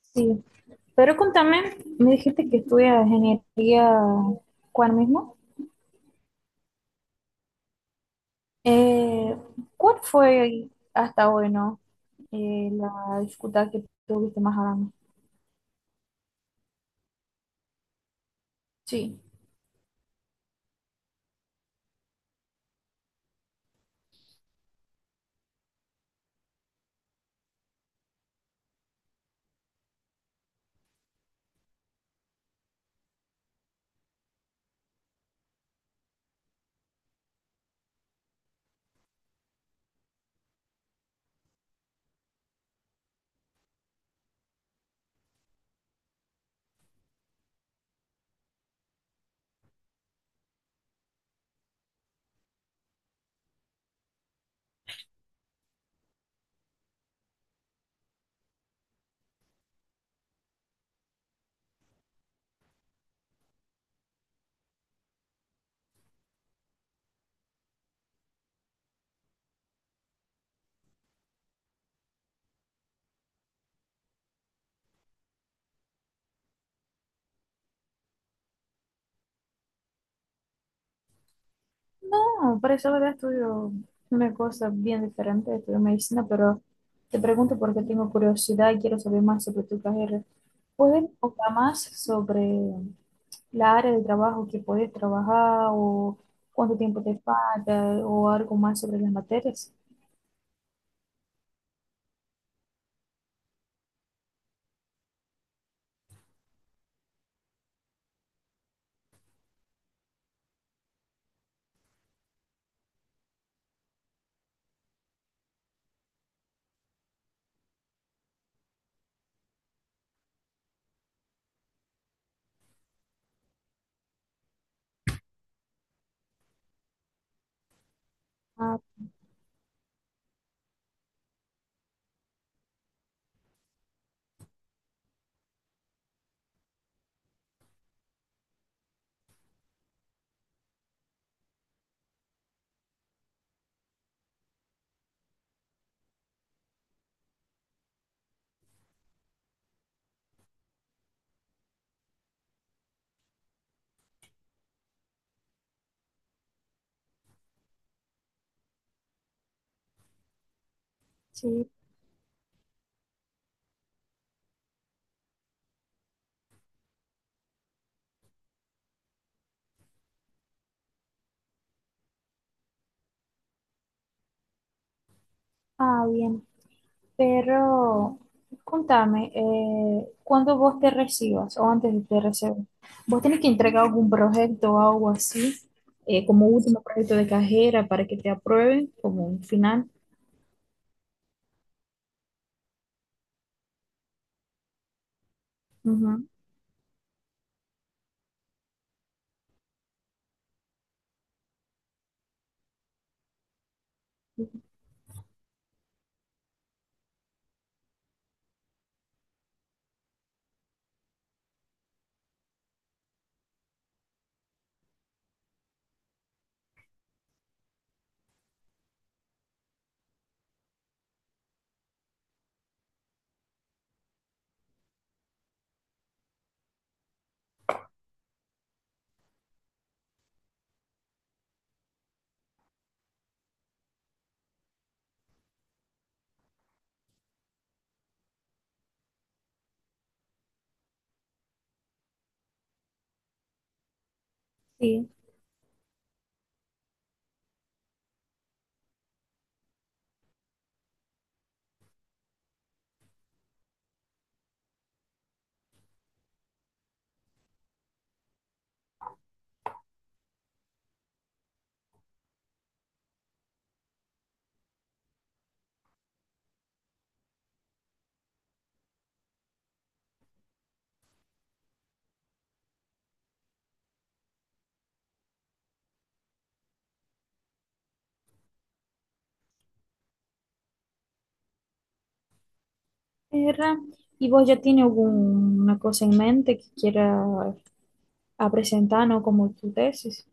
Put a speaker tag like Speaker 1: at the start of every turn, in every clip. Speaker 1: Sí, pero contame, me dijiste que estudias ingeniería, ¿cuál mismo? Eh, ¿Cuál fue hasta hoy, no? La dificultad que tuviste más grande. Sí. No, por eso ahora estudio una cosa bien diferente, estudio medicina, pero te pregunto porque tengo curiosidad y quiero saber más sobre tu carrera. ¿Puedes contar más sobre la área de trabajo que puedes trabajar o cuánto tiempo te falta o algo más sobre las materias? Ah, sí, ah, bien. Pero contame, ¿cuándo vos te recibas o antes de que te recibas? ¿Vos tenés que entregar algún proyecto o algo así, como último proyecto de carrera para que te aprueben, como un final? Ujú, sí, era. ¿Y vos ya tienes alguna cosa en mente que quieras presentar, no como tu tesis?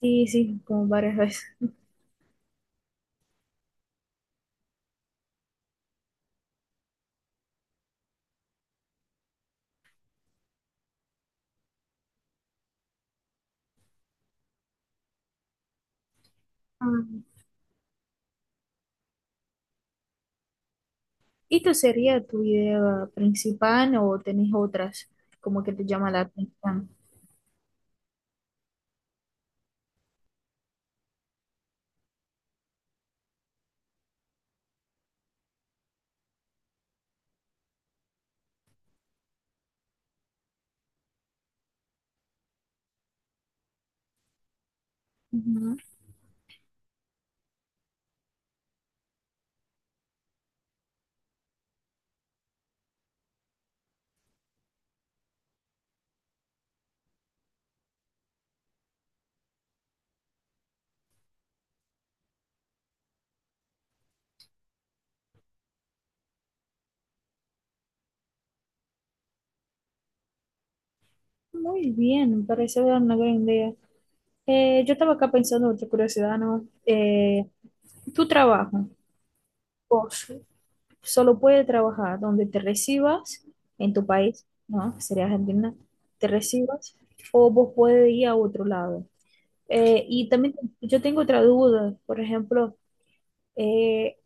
Speaker 1: Sí, sí, como varias veces. ¿Esta sería tu idea principal o tenés otras como que te llama la atención? Ujú. Muy bien, me parece una gran idea. Yo estaba acá pensando otra curiosidad, ¿no? Tu trabajo, vos solo puedes trabajar donde te recibas en tu país, ¿no? Que sería Argentina, te recibas o vos puedes ir a otro lado. Y también yo tengo otra duda, por ejemplo. Eh,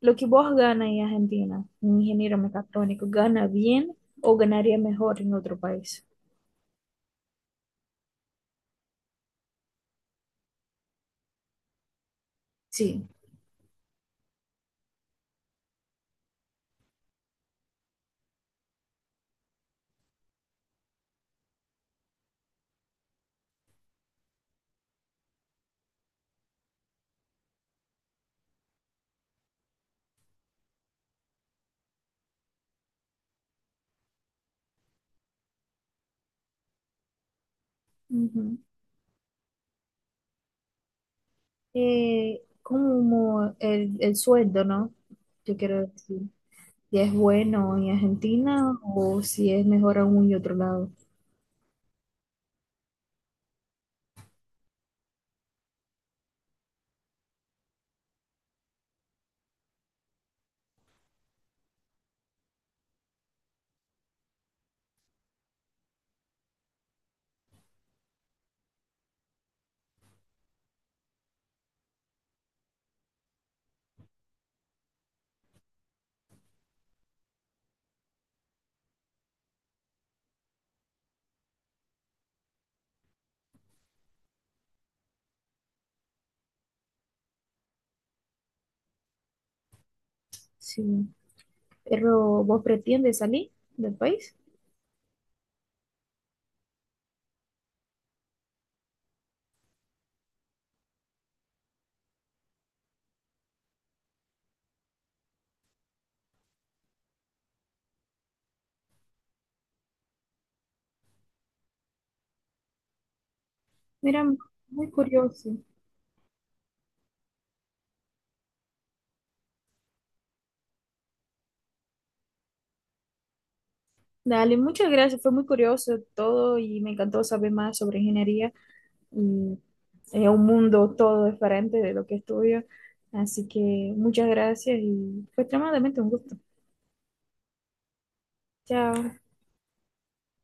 Speaker 1: lo que vos ganas en Argentina, un ingeniero mecatrónico, ¿gana bien o ganaría mejor en otro país? Sí, ujú. Como el sueldo, ¿no? Yo quiero decir, si es bueno en Argentina o si es mejor aún y otro lado. Sí. Pero vos pretendes salir del país. Mira, muy curioso. Dale, muchas gracias. Fue muy curioso todo y me encantó saber más sobre ingeniería. Y es un mundo todo diferente de lo que estudio. Así que muchas gracias y fue extremadamente un gusto. Chao.